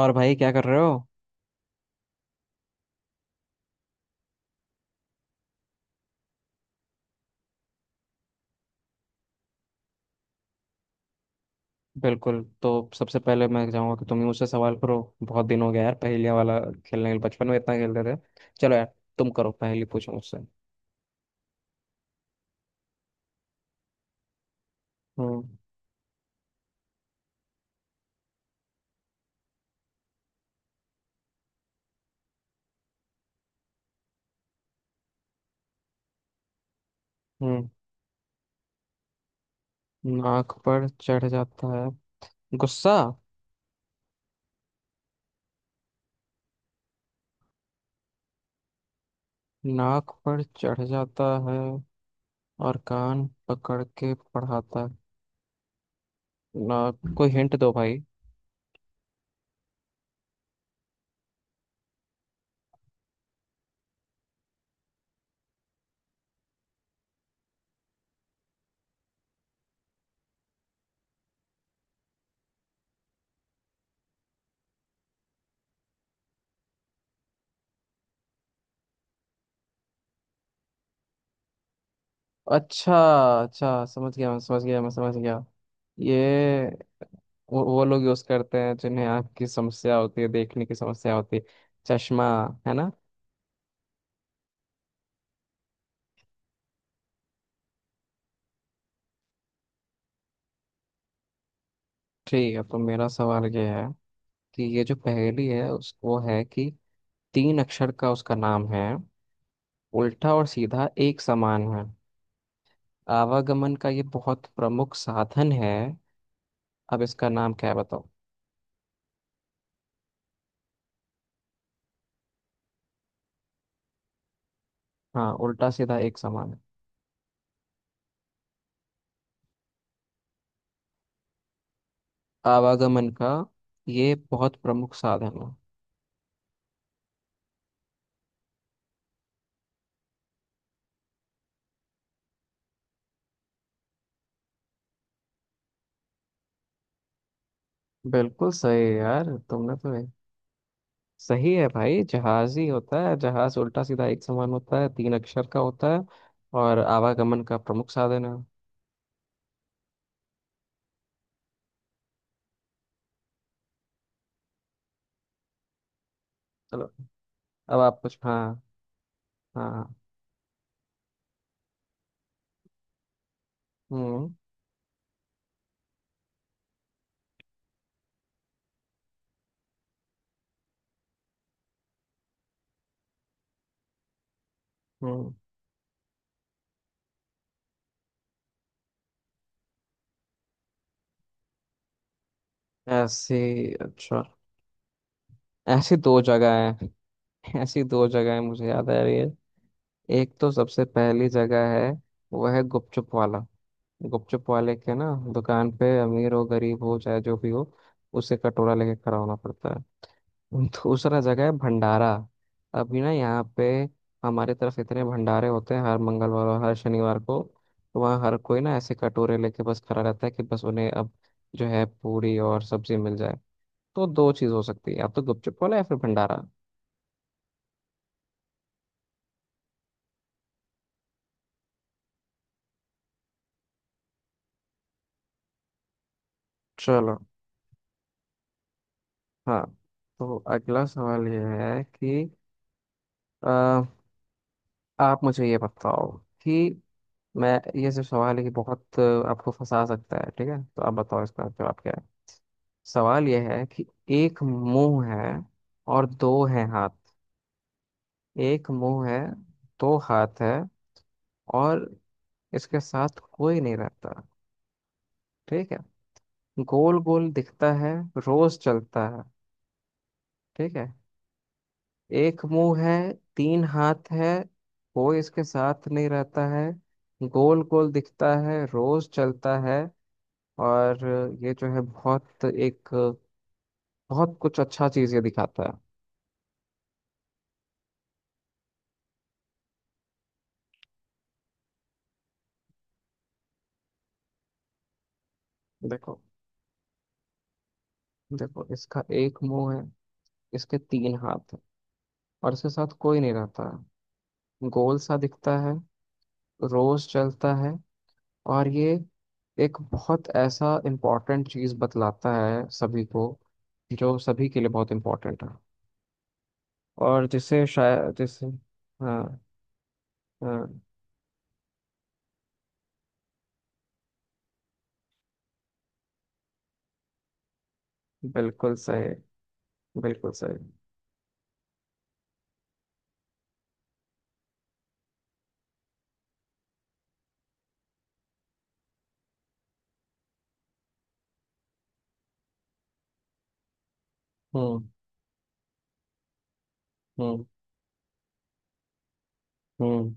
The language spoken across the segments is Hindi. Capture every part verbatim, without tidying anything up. और भाई, क्या कर रहे हो? बिल्कुल। तो सबसे पहले मैं चाहूंगा कि तुम ही मुझसे सवाल करो। बहुत दिन हो गया यार, पहेलियां वाला खेलने के, बचपन में इतना खेलते थे। चलो यार, तुम करो, पहेली पूछो मुझसे। हम्म हम्म नाक पर चढ़ जाता है। गुस्सा। नाक पर चढ़ जाता है और कान पकड़ के पढ़ाता है। ना। कोई हिंट दो भाई। अच्छा। अच्छा, समझ गया। मैं समझ गया मैं समझ गया ये वो वो लोग यूज करते हैं जिन्हें आँख की समस्या होती है, देखने की समस्या होती है। चश्मा। है ना। ठीक है, तो मेरा सवाल ये है कि ये जो पहेली है उस, वो है कि तीन अक्षर का उसका नाम है, उल्टा और सीधा एक समान है, आवागमन का ये बहुत प्रमुख साधन है। अब इसका नाम क्या है बताओ। हाँ, उल्टा सीधा एक समान है, आवागमन का ये बहुत प्रमुख साधन है। बिल्कुल सही यार, तुमने तो सही है भाई। जहाज ही होता है। जहाज उल्टा सीधा एक समान होता है, तीन अक्षर का होता है और आवागमन का प्रमुख साधन है। चलो। अब आप कुछ। हाँ। हाँ। हम्म हम्म ऐसी, अच्छा। ऐसी दो जगह है। ऐसी दो जगह है, मुझे याद आ रही है। एक तो सबसे पहली जगह है, वो है गुपचुप वाला। गुपचुप वाले के ना, दुकान पे, अमीर हो गरीब हो चाहे जो भी हो, उसे कटोरा लेके खड़ा होना पड़ता है। दूसरा जगह है भंडारा। अभी ना, यहाँ पे हमारे तरफ इतने भंडारे होते हैं हर मंगलवार और हर शनिवार को। तो वहाँ हर कोई ना ऐसे कटोरे लेके बस खड़ा रहता है कि बस उन्हें अब जो है पूरी और सब्जी मिल जाए। तो दो चीज़ हो सकती है, या तो गुपचुप वाला या फिर भंडारा। चलो। हाँ, तो अगला सवाल ये है कि अ, आप मुझे ये बताओ कि मैं, ये जो सवाल है कि बहुत अ, आपको फंसा सकता है। ठीक है, तो आप बताओ इसका जवाब क्या है। सवाल यह है कि एक मुंह है और दो हैं हाथ। एक मुंह है, दो हाथ है और इसके साथ कोई नहीं रहता। ठीक है। गोल गोल दिखता है, रोज चलता है। ठीक है। एक मुंह है, तीन हाथ है, कोई इसके साथ नहीं रहता है, गोल गोल दिखता है, रोज चलता है। और ये जो है बहुत एक, बहुत कुछ अच्छा चीज ये दिखाता है। देखो, देखो, इसका एक मुंह है, इसके तीन हाथ हैं और इसके साथ कोई नहीं रहता है। गोल सा दिखता है, रोज चलता है और ये एक बहुत ऐसा इम्पोर्टेंट चीज़ बतलाता है सभी को, जो सभी के लिए बहुत इम्पोर्टेंट है। और जिसे शायद जिसे, हाँ। हाँ। बिल्कुल सही। बिल्कुल सही। हम्म हम्म हम्म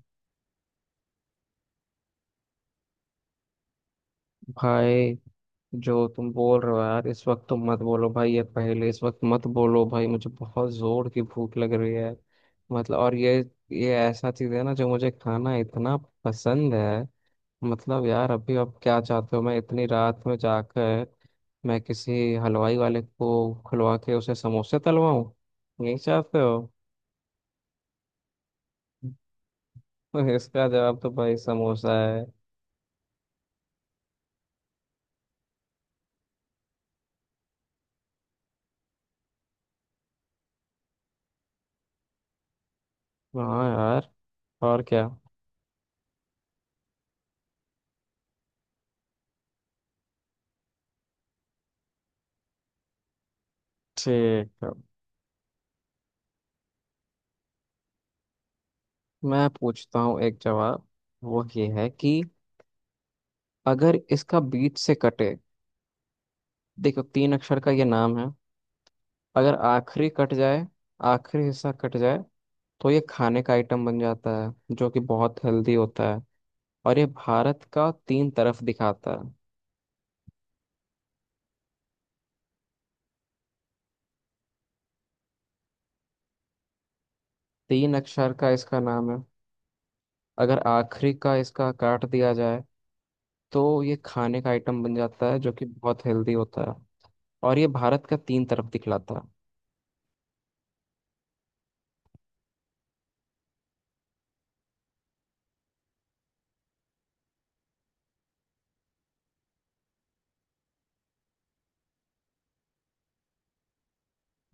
भाई जो तुम बोल रहे हो यार इस वक्त, तो मत बोलो भाई ये, पहले इस वक्त मत बोलो भाई। मुझे बहुत जोर की भूख लग रही है। मतलब, और ये ये ऐसा चीज है ना जो मुझे खाना इतना पसंद है। मतलब यार, अभी आप क्या चाहते हो, मैं इतनी रात में जाकर, मैं किसी हलवाई वाले को खुलवा के उसे समोसे तलवाऊं? यही चाहते हो? तो इसका जवाब तो भाई समोसा है। हाँ यार, और क्या। ठीक है, मैं पूछता हूँ एक जवाब। वो ये है कि अगर इसका बीच से कटे, देखो तीन अक्षर का ये नाम है, अगर आखिरी कट जाए, आखिरी हिस्सा कट जाए, तो ये खाने का आइटम बन जाता है जो कि बहुत हेल्दी होता है। और ये भारत का तीन तरफ दिखाता है। तीन अक्षर का इसका नाम है, अगर आखिरी का इसका काट दिया जाए तो ये खाने का आइटम बन जाता है जो कि बहुत हेल्दी होता है, और ये भारत का तीन तरफ दिखलाता है।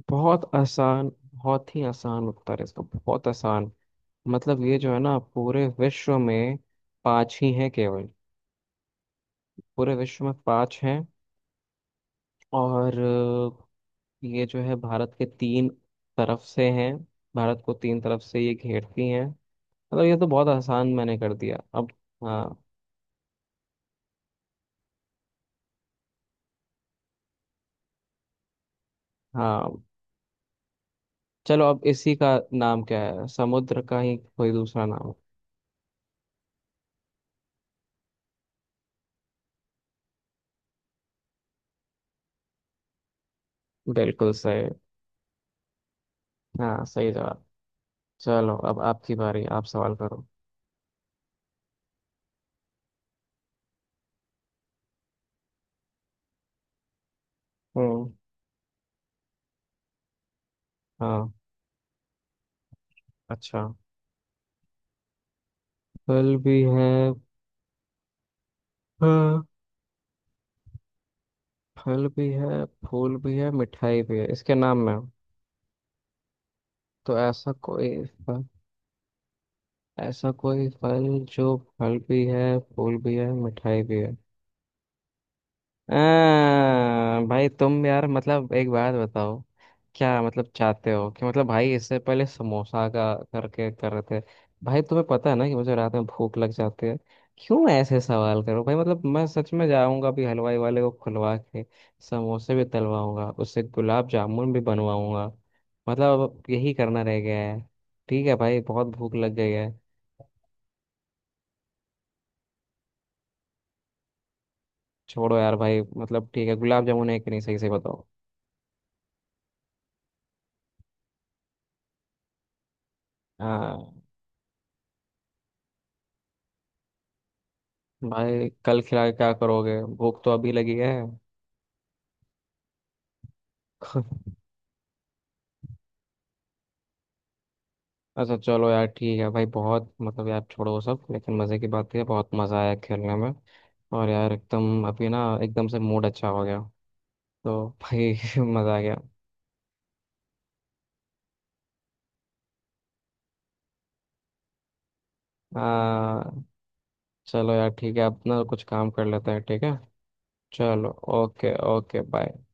बहुत आसान। बहुत ही आसान उत्तर है इसका, बहुत आसान। मतलब ये जो है ना, पूरे विश्व में पांच ही हैं केवल। पूरे विश्व में पांच हैं और अ, ये जो है भारत के तीन तरफ से हैं, भारत को तीन तरफ से ये घेरती हैं। मतलब ये तो बहुत आसान मैंने कर दिया अब। हाँ। हाँ, चलो अब इसी का नाम क्या है, समुद्र का ही कोई दूसरा नाम। बिल्कुल सही। हाँ, सही जवाब। चलो अब आपकी बारी, आप सवाल करो। हम्म। हाँ। अच्छा। फल भी है। हाँ। फल भी है, फूल भी है, मिठाई भी है इसके नाम में हो। तो ऐसा कोई फल, ऐसा कोई फल जो फल भी है, फूल भी है, मिठाई भी है। आ, भाई तुम यार, मतलब एक बात बताओ, क्या मतलब चाहते हो कि, मतलब भाई, इससे पहले समोसा का करके कर रहे थे। भाई तुम्हें पता है ना कि मुझे रात में भूख लग जाती है। क्यों ऐसे सवाल करो भाई? मतलब मैं सच में जाऊंगा अभी हलवाई वाले को खुलवा के, समोसे भी तलवाऊंगा उससे, गुलाब जामुन भी बनवाऊंगा। मतलब अब यही करना रह गया है। ठीक है भाई, बहुत भूख लग गई है। छोड़ो यार भाई, मतलब ठीक है, गुलाब जामुन है कि नहीं सही से बताओ। हाँ भाई, कल खिला के क्या करोगे, भूख तो अभी लगी है। अच्छा, चलो यार ठीक है भाई, बहुत मतलब यार, छोड़ो वो सब। लेकिन मज़े की बात है, बहुत मज़ा आया खेलने में। और यार एकदम, अभी ना एकदम से मूड अच्छा हो गया। तो भाई, मज़ा आ गया। आ, चलो यार ठीक है, अपना कुछ काम कर लेते हैं, ठीक है। चलो। Okay, okay, bye.